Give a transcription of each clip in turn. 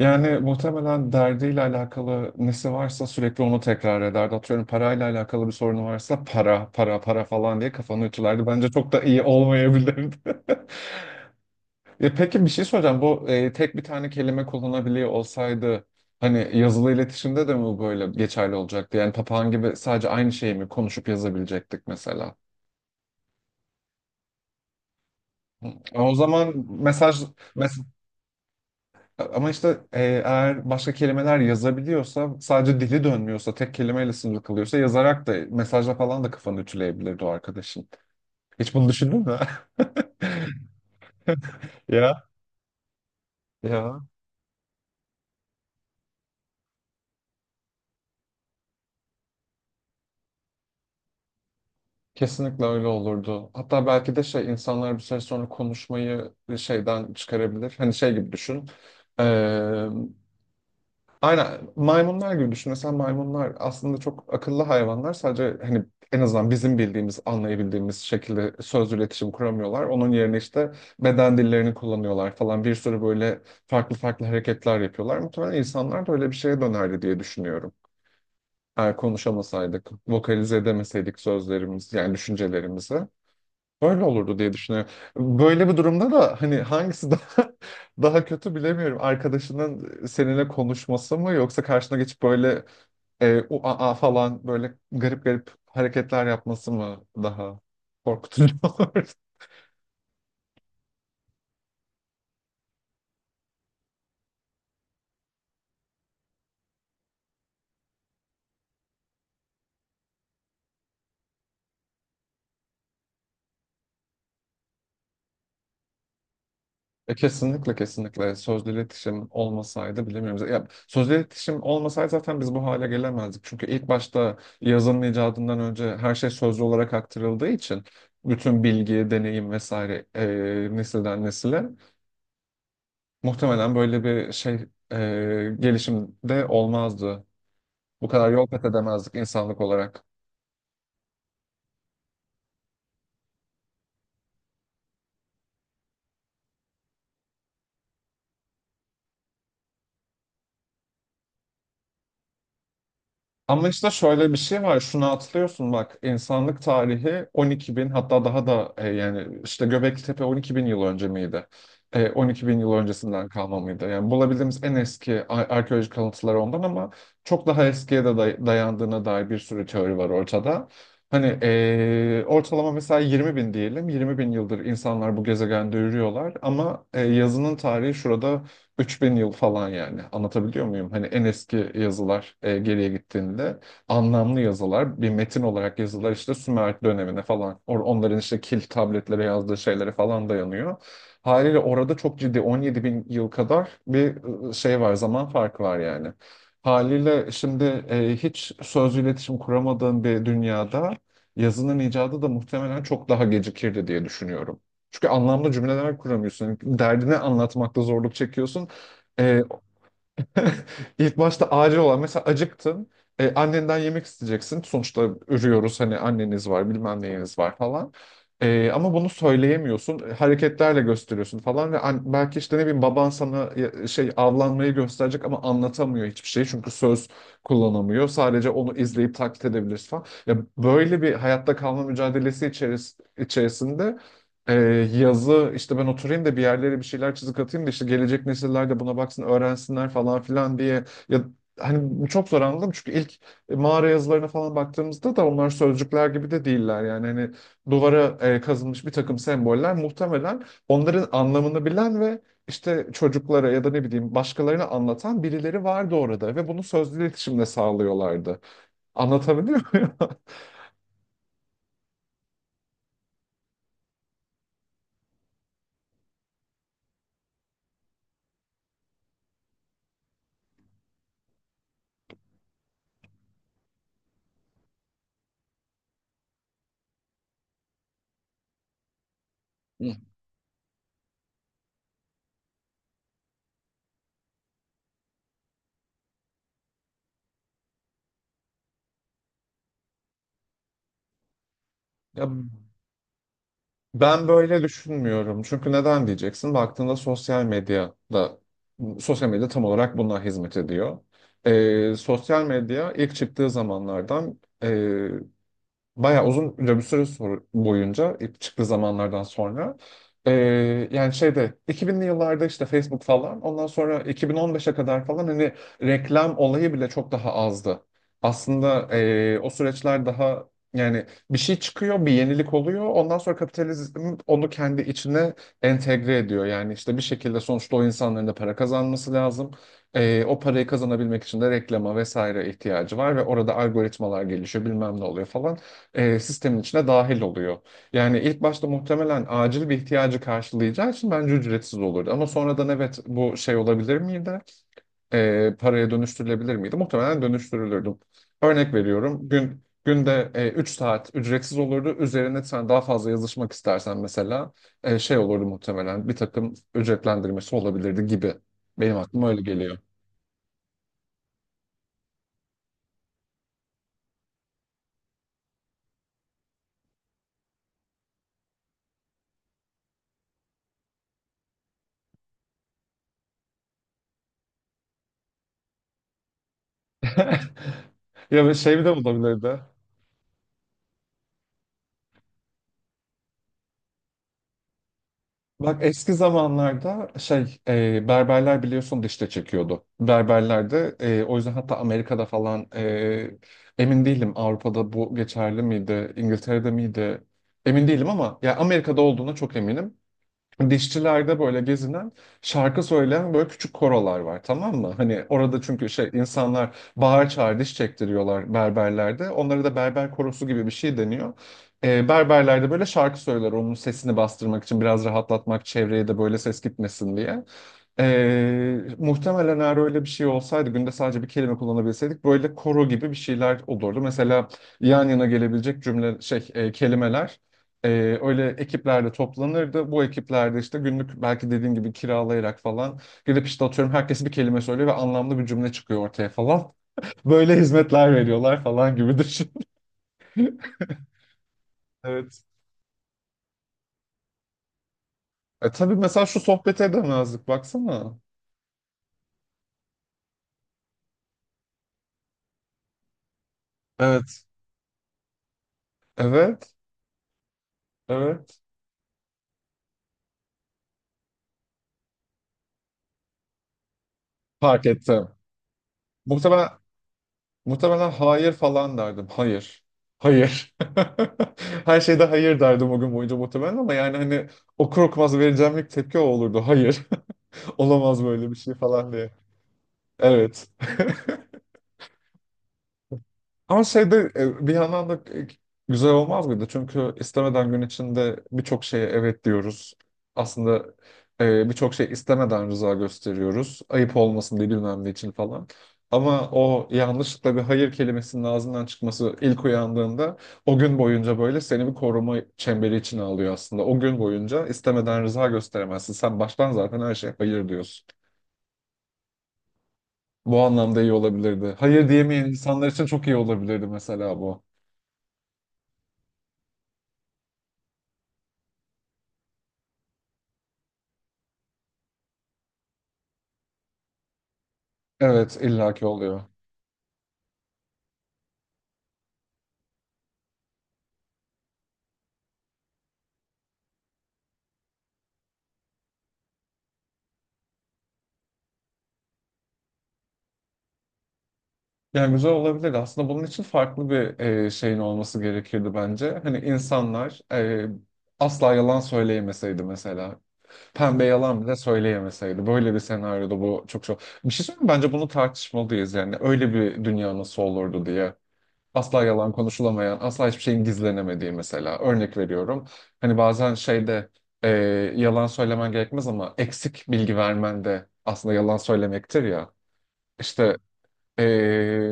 Yani muhtemelen derdiyle alakalı nesi varsa sürekli onu tekrar ederdi. Atıyorum parayla alakalı bir sorunu varsa para, para, para falan diye kafanı ütülerdi. Bence çok da iyi olmayabilirdi. E peki bir şey soracağım. Bu tek bir tane kelime kullanabiliyor olsaydı hani yazılı iletişimde de mi böyle geçerli olacaktı? Yani papağan gibi sadece aynı şeyi mi konuşup yazabilecektik mesela? Hı. E, o zaman mesaj mes- Ama işte eğer başka kelimeler yazabiliyorsa, sadece dili dönmüyorsa, tek kelimeyle sınırlı kalıyorsa yazarak da mesajla falan da kafanı ütüleyebilirdi o arkadaşın. Hiç bunu düşündün mü? Ya, ya kesinlikle öyle olurdu. Hatta belki de şey insanlar bir süre sonra konuşmayı şeyden çıkarabilir. Hani şey gibi düşün. Ee, Aynen maymunlar gibi düşün. Mesela maymunlar aslında çok akıllı hayvanlar. Sadece hani en azından bizim bildiğimiz, anlayabildiğimiz şekilde sözlü iletişim kuramıyorlar. Onun yerine işte beden dillerini kullanıyorlar falan. Bir sürü böyle farklı farklı hareketler yapıyorlar. Muhtemelen insanlar da öyle bir şeye dönerdi diye düşünüyorum. Eğer konuşamasaydık, vokalize edemeseydik sözlerimiz, yani düşüncelerimizi. Öyle olurdu diye düşünüyorum. Böyle bir durumda da hani hangisi daha daha kötü bilemiyorum. Arkadaşının seninle konuşması mı yoksa karşına geçip böyle u a a falan böyle garip garip hareketler yapması mı daha korkutucu olur? E, kesinlikle kesinlikle sözlü iletişim olmasaydı bilemiyoruz. Ya, sözlü iletişim olmasaydı zaten biz bu hale gelemezdik. Çünkü ilk başta yazının icadından önce her şey sözlü olarak aktarıldığı için bütün bilgi, deneyim vesaire nesilden nesile muhtemelen böyle bir şey gelişimde olmazdı. Bu kadar yol kat edemezdik insanlık olarak. Ama işte şöyle bir şey var. Şunu atlıyorsun bak. İnsanlık tarihi 12 bin, hatta daha da yani işte Göbekli 12 bin yıl önce miydi? E, 12 bin yıl öncesinden kalma mıydı? Yani bulabildiğimiz en eski arkeolojik kalıntılar ondan, ama çok daha eskiye de dayandığına dair bir sürü teori var ortada. Hani ortalama mesela 20 bin diyelim. 20 bin yıldır insanlar bu gezegende yürüyorlar, ama yazının tarihi şurada 3 bin yıl falan, yani anlatabiliyor muyum? Hani en eski yazılar geriye gittiğinde anlamlı yazılar, bir metin olarak yazılar işte Sümer dönemine falan, onların işte kil tabletlere yazdığı şeylere falan dayanıyor. Haliyle orada çok ciddi 17 bin yıl kadar bir şey var, zaman farkı var yani. Haliyle şimdi hiç sözlü iletişim kuramadığın bir dünyada yazının icadı da muhtemelen çok daha gecikirdi diye düşünüyorum. Çünkü anlamlı cümleler kuramıyorsun. Derdini anlatmakta zorluk çekiyorsun. E, ilk başta acil olan mesela acıktın. E, annenden yemek isteyeceksin. Sonuçta ürüyoruz hani, anneniz var bilmem neyiniz var falan. E, ama bunu söyleyemiyorsun. Hareketlerle gösteriyorsun falan ve belki işte ne bileyim, baban sana şey avlanmayı gösterecek, ama anlatamıyor hiçbir şey. Çünkü söz kullanamıyor. Sadece onu izleyip taklit edebiliriz falan. Ya böyle bir hayatta kalma mücadelesi içerisinde ee, yazı işte ben oturayım da bir yerlere bir şeyler çizik atayım da işte gelecek nesiller de buna baksın öğrensinler falan filan diye, ya hani bu çok zor anladım, çünkü ilk mağara yazılarına falan baktığımızda da onlar sözcükler gibi de değiller yani hani duvara kazınmış bir takım semboller, muhtemelen onların anlamını bilen ve işte çocuklara ya da ne bileyim başkalarına anlatan birileri vardı orada ve bunu sözlü iletişimle sağlıyorlardı. Anlatabiliyor muyum? Hı. Ya, ben böyle düşünmüyorum. Çünkü neden diyeceksin? Baktığında sosyal medyada, sosyal medya tam olarak buna hizmet ediyor. Sosyal medya ilk çıktığı zamanlardan bayağı uzun bir süre boyunca, ilk çıktığı zamanlardan sonra e, yani şeyde 2000'li yıllarda işte Facebook falan, ondan sonra 2015'e kadar falan hani reklam olayı bile çok daha azdı. Aslında o süreçler daha yani bir şey çıkıyor, bir yenilik oluyor. Ondan sonra kapitalizm onu kendi içine entegre ediyor. Yani işte bir şekilde sonuçta o insanların da para kazanması lazım. E, o parayı kazanabilmek için de reklama vesaire ihtiyacı var ve orada algoritmalar gelişiyor, bilmem ne oluyor falan, sistemin içine dahil oluyor. Yani ilk başta muhtemelen acil bir ihtiyacı karşılayacağı için bence ücretsiz olurdu. Ama sonradan, evet, bu şey olabilir miydi? E, paraya dönüştürülebilir miydi? Muhtemelen dönüştürülürdü. Örnek veriyorum. Günde 3 saat ücretsiz olurdu. Üzerine sen daha fazla yazışmak istersen mesela şey olurdu muhtemelen. Bir takım ücretlendirmesi olabilirdi gibi. Benim aklıma öyle geliyor. Ya bir şey de olabilirdi. Bak, eski zamanlarda şey berberler biliyorsun dişte çekiyordu. Berberlerde o yüzden, hatta Amerika'da falan emin değilim Avrupa'da bu geçerli miydi, İngiltere'de miydi emin değilim, ama ya Amerika'da olduğuna çok eminim, dişçilerde böyle gezinen, şarkı söyleyen böyle küçük korolar var, tamam mı? Hani orada çünkü şey, insanlar bağır çağır diş çektiriyorlar berberlerde. Onlara da berber korosu gibi bir şey deniyor. Berberlerde böyle şarkı söyler onun sesini bastırmak için, biraz rahatlatmak, çevreye de böyle ses gitmesin diye. Muhtemelen eğer öyle bir şey olsaydı, günde sadece bir kelime kullanabilseydik böyle koro gibi bir şeyler olurdu. Mesela yan yana gelebilecek cümle şey kelimeler ee, öyle ekiplerle toplanırdı. Bu ekiplerde işte günlük belki dediğim gibi kiralayarak falan gidip işte, atıyorum, herkes bir kelime söylüyor ve anlamlı bir cümle çıkıyor ortaya falan. Böyle hizmetler veriyorlar falan gibi düşün. Evet. E tabii mesela şu sohbeti edemezdik baksana. Evet. Evet, evet. Fark ettim. Muhtemelen, muhtemelen hayır falan derdim. Hayır. Hayır. Her şeyde hayır derdim o gün boyunca muhtemelen, ama yani hani okur okumaz vereceğim ilk tepki o olurdu. Hayır. Olamaz böyle bir şey falan diye. Evet. Ama şeyde bir yandan da e, güzel olmaz mıydı? Çünkü istemeden gün içinde birçok şeye evet diyoruz. Aslında birçok şey istemeden rıza gösteriyoruz. Ayıp olmasın diye, bilmem ne için falan. Ama o yanlışlıkla bir hayır kelimesinin ağzından çıkması ilk uyandığında, o gün boyunca böyle seni bir koruma çemberi içine alıyor aslında. O gün boyunca istemeden rıza gösteremezsin. Sen baştan zaten her şeye hayır diyorsun. Bu anlamda iyi olabilirdi. Hayır diyemeyen insanlar için çok iyi olabilirdi mesela bu. Evet, illaki oluyor. Yani güzel olabilir. Aslında bunun için farklı bir şeyin olması gerekirdi bence. Hani insanlar asla yalan söyleyemeseydi mesela. Pembe yalan bile söyleyemeseydi. Böyle bir senaryoda bu çok çok. Bir şey söyleyeyim mi? Bence bunu tartışmalıyız yani. Öyle bir dünya nasıl olurdu diye. Asla yalan konuşulamayan, asla hiçbir şeyin gizlenemediği mesela. Örnek veriyorum. Hani bazen şeyde e, yalan söylemen gerekmez, ama eksik bilgi vermen de aslında yalan söylemektir ya. İşte e,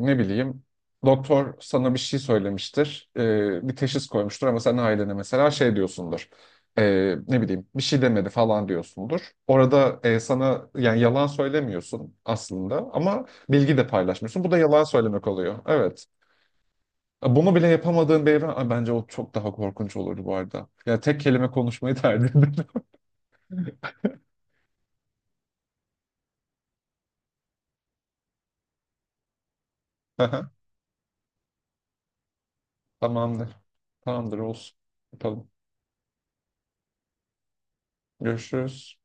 ne bileyim, doktor sana bir şey söylemiştir. Bir teşhis koymuştur, ama sen ailene mesela şey diyorsundur. E, ne bileyim, bir şey demedi falan diyorsundur. Orada sana yani yalan söylemiyorsun aslında, ama bilgi de paylaşmıyorsun. Bu da yalan söylemek oluyor. Evet. Bunu bile yapamadığın bir evren, ay, bence o çok daha korkunç olurdu bu arada. Ya, tek kelime konuşmayı tercih ederim. Tamamdır. Tamamdır olsun. Yapalım. Görüşürüz.